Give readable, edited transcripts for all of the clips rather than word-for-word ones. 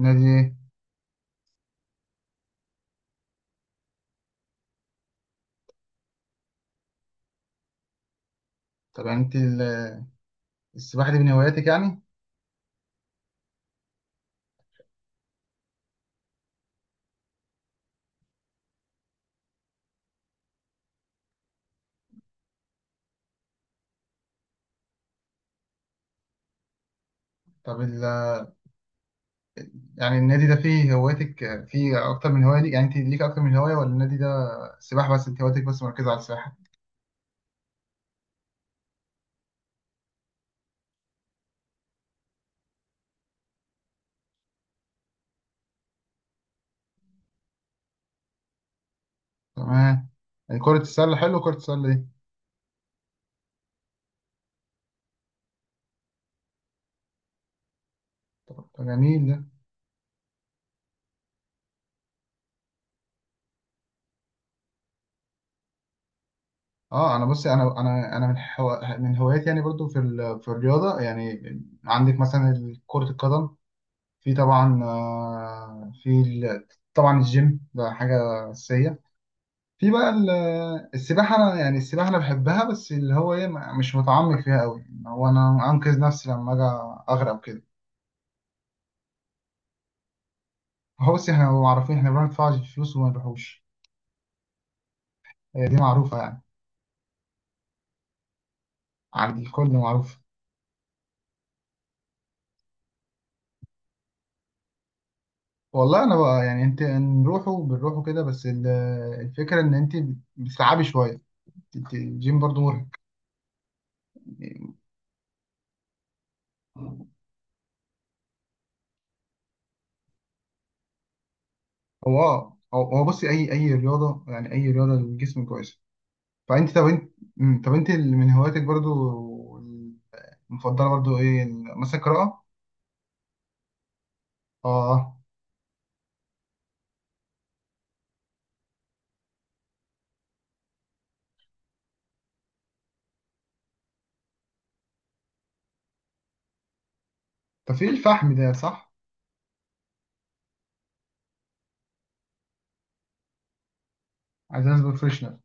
نادي ايه؟ طب يعني السباحه دي من هواياتك يعني؟ طب ال... يعني النادي ده فيه هواياتك، فيه اكتر من هوايه ليك؟ يعني انت ليك اكتر من هوايه، ولا النادي ده سباحه بس؟ انت هواياتك بس مركزه على السباحه؟ تمام. يعني كره السله حلو، كره السله دي. طب، جميل ده. اه، انا بصي، انا من هواياتي يعني، برضو في الرياضه يعني. عندك مثلا كره القدم، في طبعا، طبعا الجيم ده حاجه اساسيه. في بقى ال- السباحة أنا، يعني السباحة أنا بحبها، بس اللي هو إيه، مش متعمق فيها أوي، إن هو أنا أنقذ نفسي لما أجي أغرق وكده. هو بس إحنا معروفين، إحنا بنروح ندفع الفلوس وما نروحوش. هي دي معروفة يعني. عند الكل معروفة. والله أنا بقى يعني، أنت نروحوا بنروحوا كده بس الفكرة إن أنت بتتعبي شوية، أنت الجيم برضو مرهق. هو، هو بصي، أي رياضة، يعني أي رياضة للجسم كويسة. فأنت، طب أنت. طب أنت اللي من هواياتك برضو، مفضله برضو ايه، مثلا القراءه؟ اه. طب في الفحم ده، صح؟ عايز ناس بروفيشنال.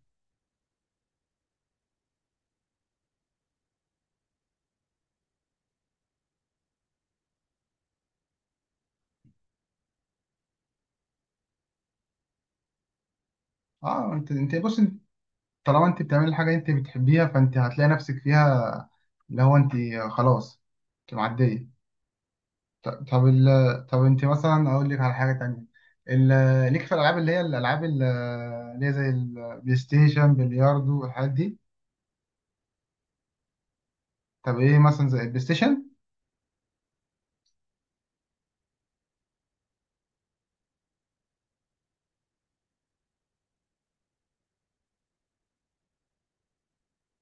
اه، انت بص انت، طالما انت بتعمل الحاجه انت بتحبيها، فانت هتلاقي نفسك فيها. اللي هو انت، خلاص، انت معديه. ط- طب ال... طب انت مثلا، اقول لك على حاجه تانية، ال... ليك في الالعاب، اللي هي الالعاب اللي هي زي البلاي ستيشن، بلياردو والحاجات دي. طب ايه مثلا زي البلاي ستيشن؟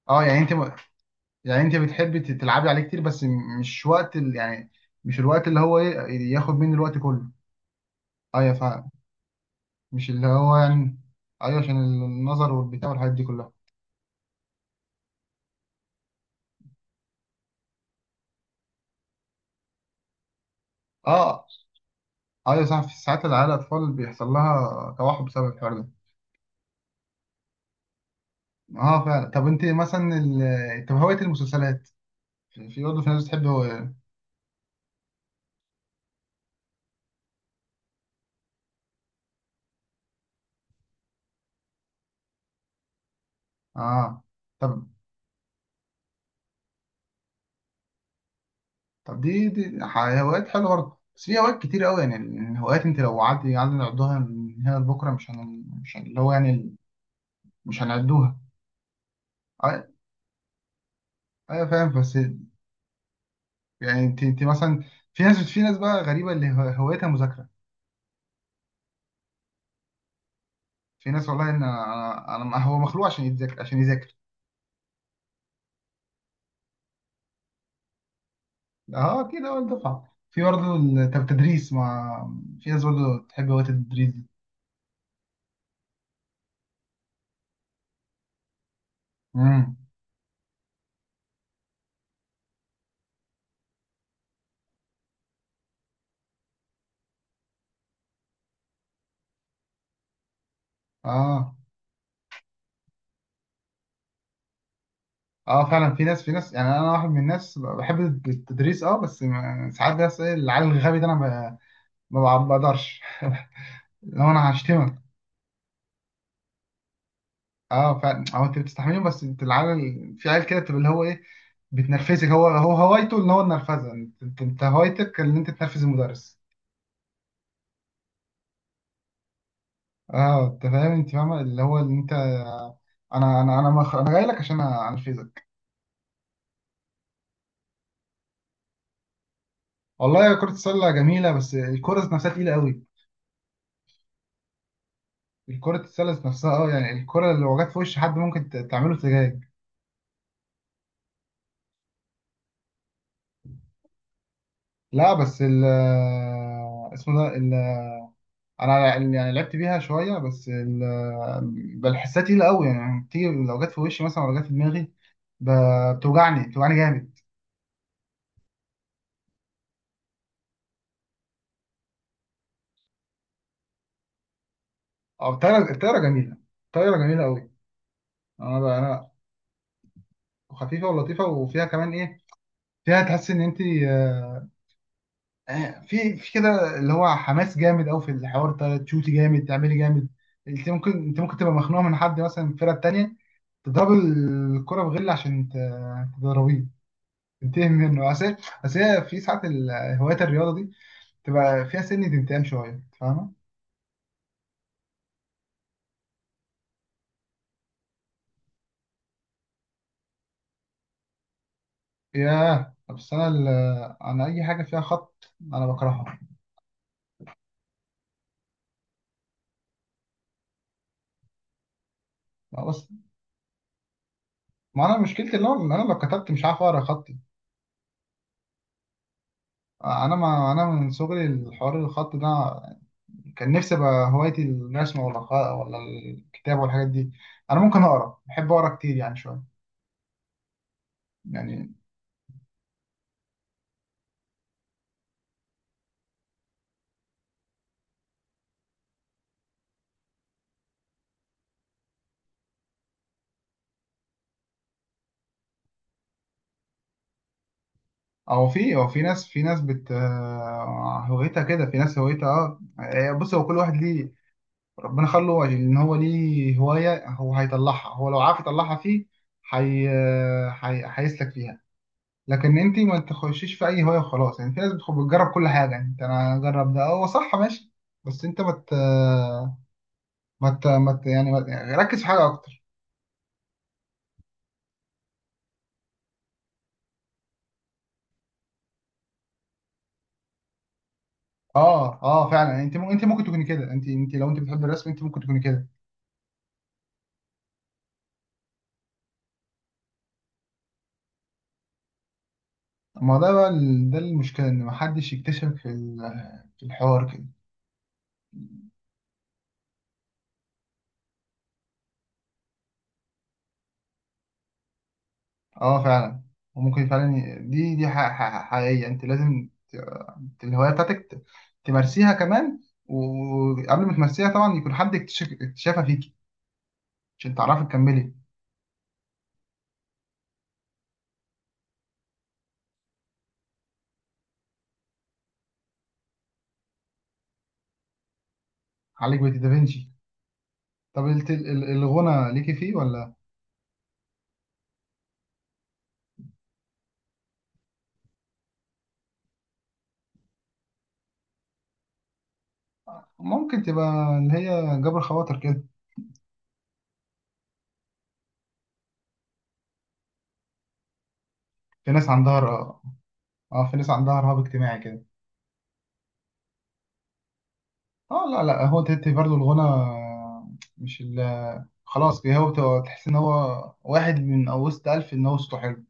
اه يعني انت، يعني انت بتحبي تلعبي عليه كتير، بس مش وقت يعني مش الوقت اللي هو ايه، ياخد مني الوقت كله. ايوه، فاهم. مش اللي هو يعني. ايوه، عشان النظر والبتاع والحاجات دي كلها. اه ايوه صح، في ساعات العيال الاطفال بيحصل لها توحد بسبب الحوار ده. اه فعلا. طب انت مثلا، طب هوايه المسلسلات، في برضه في ناس بتحب. اه. طب طب هوايات حلوه برضه، بس في هوايات كتير قوي. يعني الهوايات، انت لو قعدت، قعدنا نعدها من هنا لبكره، مش هن... مش هن- اللي هو يعني مش هنعدوها. أي- ايوه فاهم، بس يعني انت مثلا، في ناس بقى غريبه، هوايتها مذاكره. في ناس والله ان هو مخلوق عشان يتذاكر، عشان يذاكر. اه اكيد، اول دفعه. طب التدريس، ما في ناس برضه تحب هوايه التدريس دي. امم. اه اه فعلا، في ناس، يعني انا واحد من الناس بحب التدريس. اه، بس ساعات بس العيال الغبي ده انا ما بقدرش لو انا هشتمك. اه فعلا، اه انت بتستحملهم، بس انت العيال، في عيال كده بتبقى اللي هو ايه، بتنرفزك. هو هوايته ان هو النرفزه، انت هوايتك ان انت تنرفز المدرس. اه انت فاهم، انت فاهمه اللي هو اللي انت، انا جاي لك عشان انرفزك. والله كره السله جميله، بس الكره ذات نفسها تقيله قوي. الكره السله ذات نفسها، اه يعني الكره لو جت في وش حد ممكن تعمله سجاج. لا بس ال اسمه ده ال... انا يعني لعبت بيها شويه، بل حسها تقيله قوي، يعني بتيجي لو جت في وشي مثلا، ولا جت في دماغي، بتوجعني، بتوجعني جامد. او الطايره، الطايره جميله، الطايره جميله قوي. انا بقى انا، خفيفه ولطيفه، وفيها كمان ايه، فيها تحس ان انت، في كده اللي هو حماس جامد قوي، في الحوار ده تشوتي جامد، تعملي جامد. انت ممكن تبقى مخنوقه من حد، مثلا من الفرقه التانيه، تضرب الكره بغل عشان تضربيه. تنتهي منه. اصل هي في ساعات هوايات الرياضه دي تبقى فيها سن انتقام شويه، أنت فاهمه؟ ياه، بس انا اي حاجه فيها خط انا بكرهها. بس ما انا مشكلتي اللي هو ان انا لو كتبت مش عارف اقرا خطي. انا، ما انا من صغري الحوار الخط ده، كان نفسي ابقى هوايتي الرسم، ولا ولا الكتابه والحاجات دي. انا ممكن اقرا، بحب اقرا كتير يعني، شويه يعني. او في ناس، في ناس بت آه، هوايتها كده، في ناس هوايتها اه. بص هو كل واحد ليه ربنا خلقه ان هو ليه هوايه، هو هيطلعها، هو لو عارف يطلعها فيه هيسلك فيها. لكن انت ما تخشيش في اي هوايه وخلاص، يعني في ناس بتجرب كل حاجه، يعني انت انا اجرب ده، هو صح ماشي. بس انت ما مت... مت... مت... يعني ما ت- يعني ركز في حاجه اكتر. اه فعلا، يعني انت ممكن تكوني كده، انت لو انت بتحب الرسم، انت ممكن تكوني كده. ما ده بقى ده المشكله، ان ما حدش يكتشف في الحوار كده. اه فعلا، وممكن فعلا دي حقيقيه، انت لازم الهوايه بتاعتك تمارسيها كمان، وقبل ما تمارسيها طبعا يكون حد اكتشف اكتشافها فيك عشان تعرفي تكملي. عليك بيت دافنشي. طب الغنى ليكي فيه ولا؟ ممكن تبقى اللي هي جبر خواطر كده. في ناس عندها ر- اه، في ناس عندها رهاب اجتماعي كده. اه لا لا، هو تهتي برضه الغنى، مش ال... خلاص كده، هو بتبقى تحس ان هو واحد من وسط ألف، ان هو صوته حلو.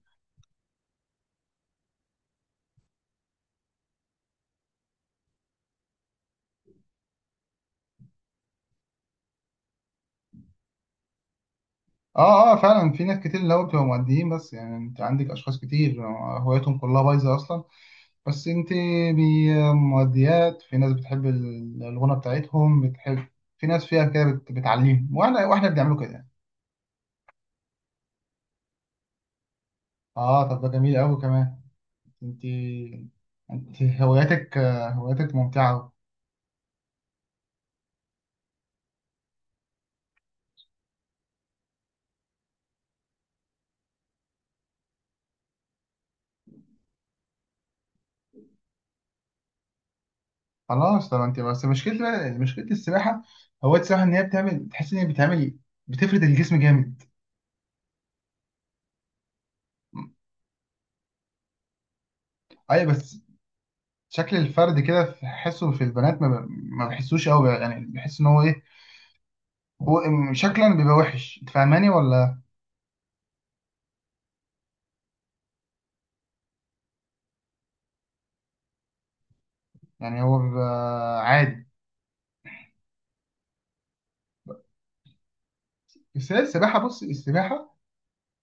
اه فعلا، في ناس كتير اللي هو بتبقى مؤديين بس. يعني انت عندك اشخاص كتير هوايتهم كلها بايظه اصلا، بس انت مؤديات، في ناس بتحب الغنى بتاعتهم بتحب، في ناس فيها كده بتعلمهم، واحنا بنعمله كده. اه، طب ده جميل قوي كمان. انت انت هواياتك ممتعه أوي. خلاص، طب انت بس، مشكلة السباحة، هواية السباحة ان هي بتعمل، تحس ان هي بتعمل، بتفرد الجسم جامد. ايوه بس، شكل الفرد كده تحسه في البنات، ما بحسوش قوي، يعني بحس ان هو ايه، هو شكلا بيبقى وحش، انت فاهماني ولا؟ يعني هو بيبقى عادي. بس هي السباحه، بص السباحه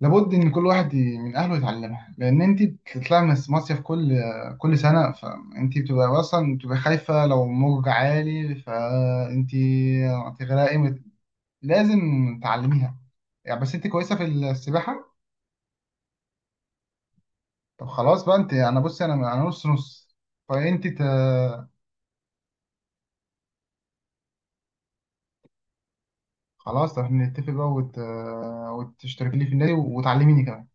لابد ان كل واحد من اهله يتعلمها، لان انت بتطلعي من المصيف كل سنه، فانت بتبقى اصلا بتبقى خايفه لو موج عالي، فانت هتغرقي، لازم تعلميها يعني. بس انت كويسه في السباحه؟ طب خلاص بقى، انت، انا بص، انا نص نص، فانت. خلاص، احنا نتفق بقى، وتشترك لي في النادي، وتعلميني كمان.